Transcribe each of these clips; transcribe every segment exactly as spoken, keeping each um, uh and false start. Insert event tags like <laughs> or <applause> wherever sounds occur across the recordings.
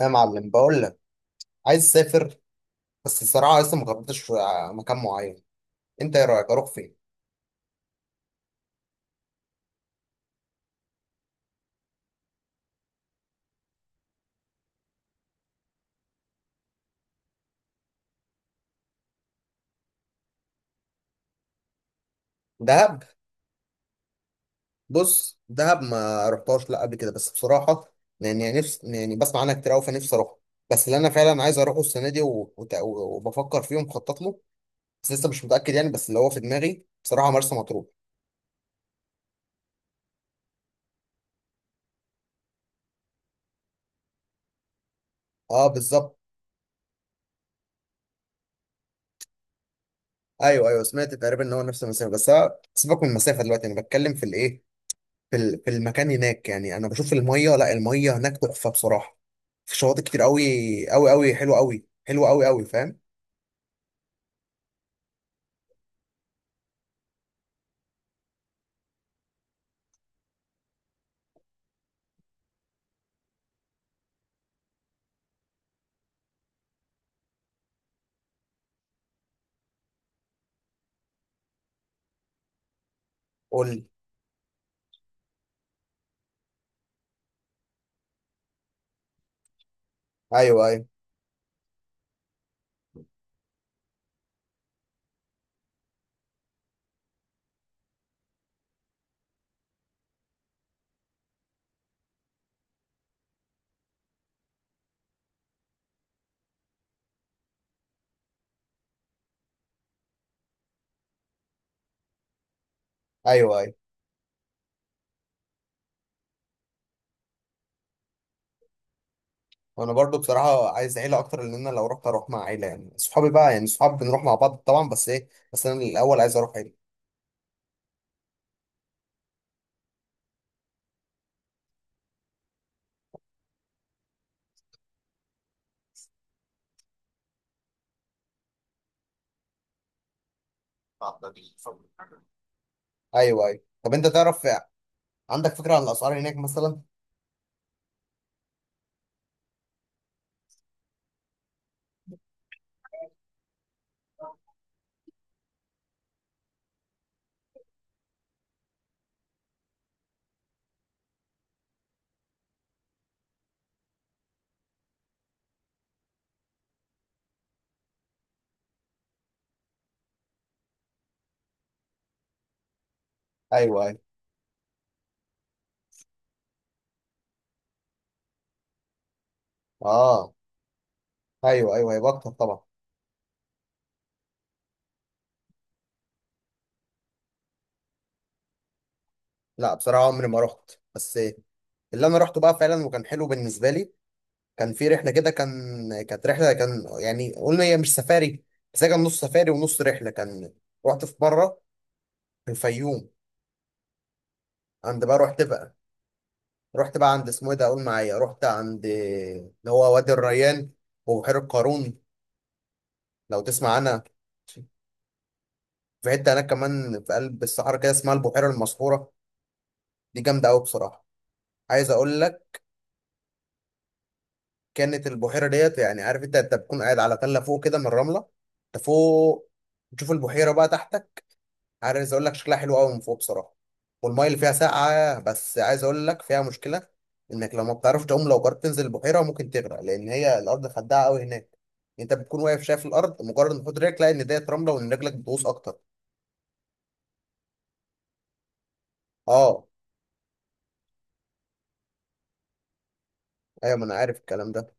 يا معلم، بقول لك عايز اسافر. بس الصراحه لسه ما قررتش آه، مكان معين. انت ايه رايك اروح فين؟ دهب. بص، دهب ما رحتهاش لا قبل كده، بس بصراحه يعني نفسي، يعني بسمع عنها كتير قوي فنفسي اروح. بس اللي انا فعلا عايز اروحه السنه دي و- وت- و- وبفكر فيه ومخطط له، بس لسه مش متاكد يعني. بس اللي هو في دماغي بصراحه مرسى مطروح. اه، بالظبط. ايوه ايوه، سمعت تقريبا ان هو نفس المسافه، بس أنا سيبك من المسافه دلوقتي. انا بتكلم في الايه، في ال- في المكان هناك. يعني انا بشوف الميه، لا، الميه هناك تحفه بصراحه. في شواطئ كتير قوي قوي، قوي حلوه قوي، حلوه قوي قوي فاهم. قول لي. ايوه ايوه ايوه ايوه. وانا برضو بصراحه عايز عيله اكتر، لان انا لو رحت اروح مع عيله. يعني صحابي بقى، يعني صحاب بنروح مع بعض طبعا، بس ايه، بس انا الاول عايز اروح عيله. ايوه ايوه. طب انت تعرف عندك فكره عن الاسعار هناك مثلا؟ ايوه ايوه. اه. ايوه ايوه، هيبقى اكتر طبعا. لا بصراحه عمري ما رحت، بس إيه، اللي انا رحته بقى فعلا وكان حلو بالنسبه لي. كان في رحله كده، كان كانت رحله كان، يعني قلنا هي مش سفاري. بس هي كان نص سفاري ونص رحله كان. رحت في مره في الفيوم. عند بقى، رحت بقى رحت بقى عند اسمه ايه ده؟ قول معايا. رحت عند اللي هو وادي الريان وبحيره قارون، لو تسمع عنها. في حته هناك كمان في قلب الصحراء كده، اسمها البحيره المسحوره. دي جامده قوي بصراحه. عايز اقول لك، كانت البحيره ديت، يعني عارف انت، انت بتكون قاعد على تله فوق كده من الرمله، انت فوق، تشوف البحيره بقى تحتك. عايز اقول لك شكلها حلو قوي من فوق بصراحه. والميه اللي فيها ساقعه، بس عايز اقول لك فيها مشكله: انك لو ما بتعرفش تعوم، لو قررت تنزل البحيره ممكن تغرق، لان هي الارض خداعه قوي هناك. انت بتكون واقف شايف الارض، مجرد ما تحط رجلك تلاقي ان ديت رمله وان رجلك بتغوص اكتر. اه. ايوه، ما انا عارف الكلام ده.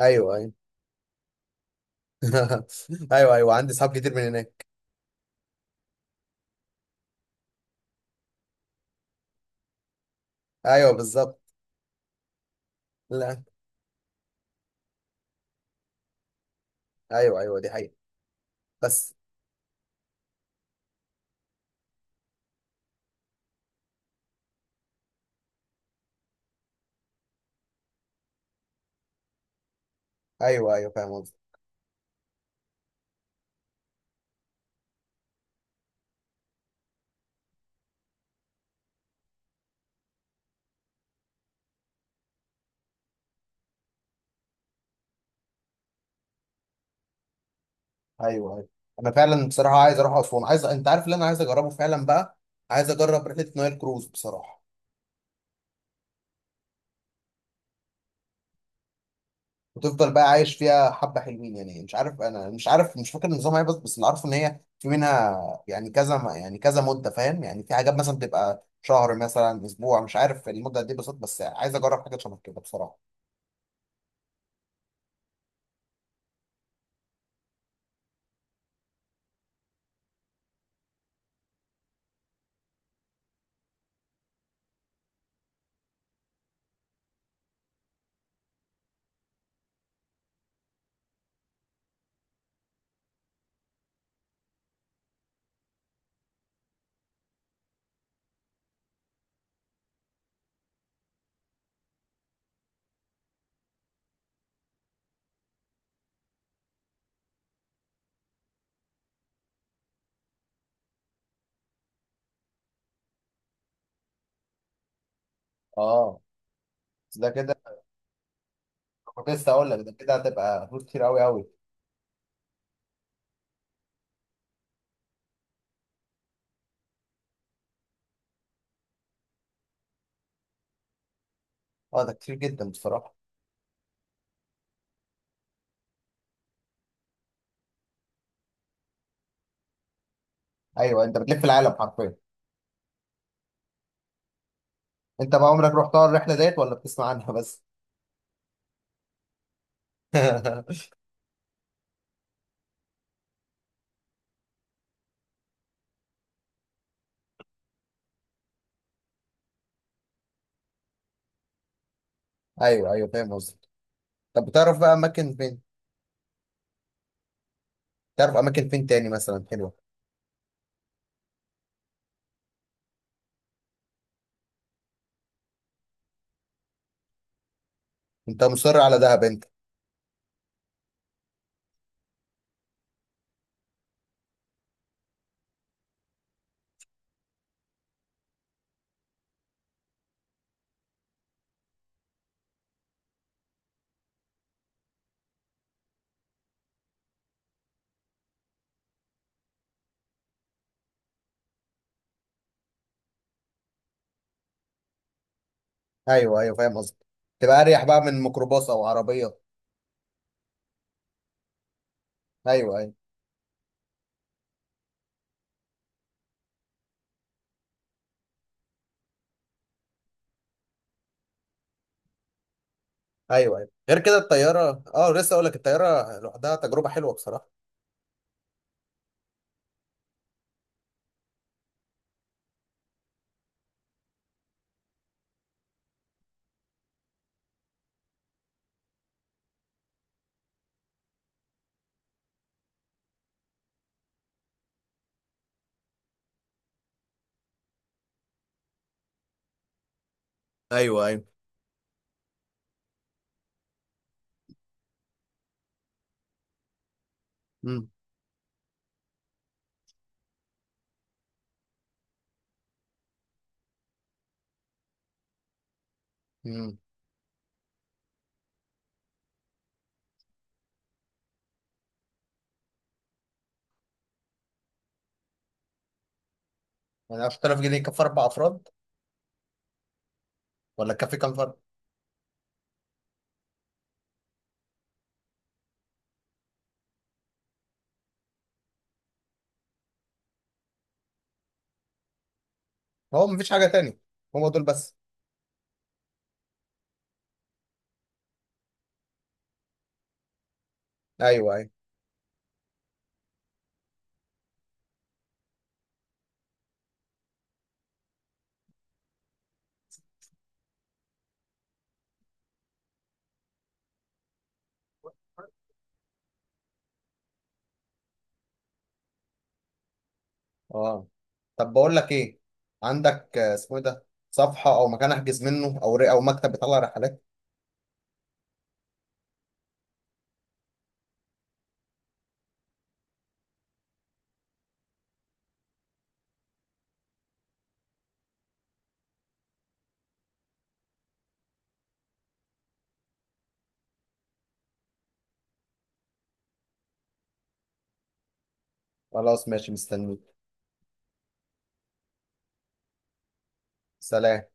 ايوه ايوه. <laughs> ايوه ايوه، عندي صحاب كتير من هناك. ايوه بالظبط. لا. ايوه ايوه، دي حقيقه. بس. ايوه ايوه فاهم. ايوه ايوه. انا فعلا بصراحه عايز اروح اسوان. عايز، انت عارف اللي انا عايز اجربه فعلا بقى، عايز اجرب رحله نايل كروز بصراحه. وتفضل بقى عايش فيها حبه حلوين يعني، مش عارف، انا مش عارف، مش فاكر النظام ايه، بس بس اللي عارفه ان هي في منها، يعني كذا، يعني كذا مده فاهم. يعني في حاجات مثلا بتبقى شهر، مثلا اسبوع، مش عارف المده دي بالظبط، بس عايز اجرب حاجه شبه كده بصراحه. اه. بس ده كده، كنت لسه اقول لك ده كده هتبقى فلوس كتير قوي قوي. اه، ده كتير جدا بصراحه. ايوه، انت بتلف العالم حرفيا. انت بقى عمرك رحتها الرحله ديت ولا بتسمع عنها بس؟ <laughs> ايوه ايوه فاهم قصدك. طب بتعرف بقى اماكن فين؟ تعرف اماكن فين تاني مثلا حلوه؟ انت مصر على دهب انت؟ ايوه ايوه فاهم قصدك. تبقى اريح بقى من ميكروباص او عربيه. ايوه ايوه. ايوه ايوه غير كده الطياره، اه لسه اقول لك الطياره لوحدها تجربه حلوه بصراحه. ايوه ايوه. امم امم يعني عشرة آلاف جنيه يكفي اربع افراد ولا يكفي كام فرد؟ هو مفيش حاجه تاني، هم دول بس. ايوه ايوه. اه. طب بقول لك ايه، عندك آه، اسمه ايه ده، صفحه او مكان احجز منه، او ري- او مكتب بيطلع رحلات. خلاص ماشي مستنيك. سلام.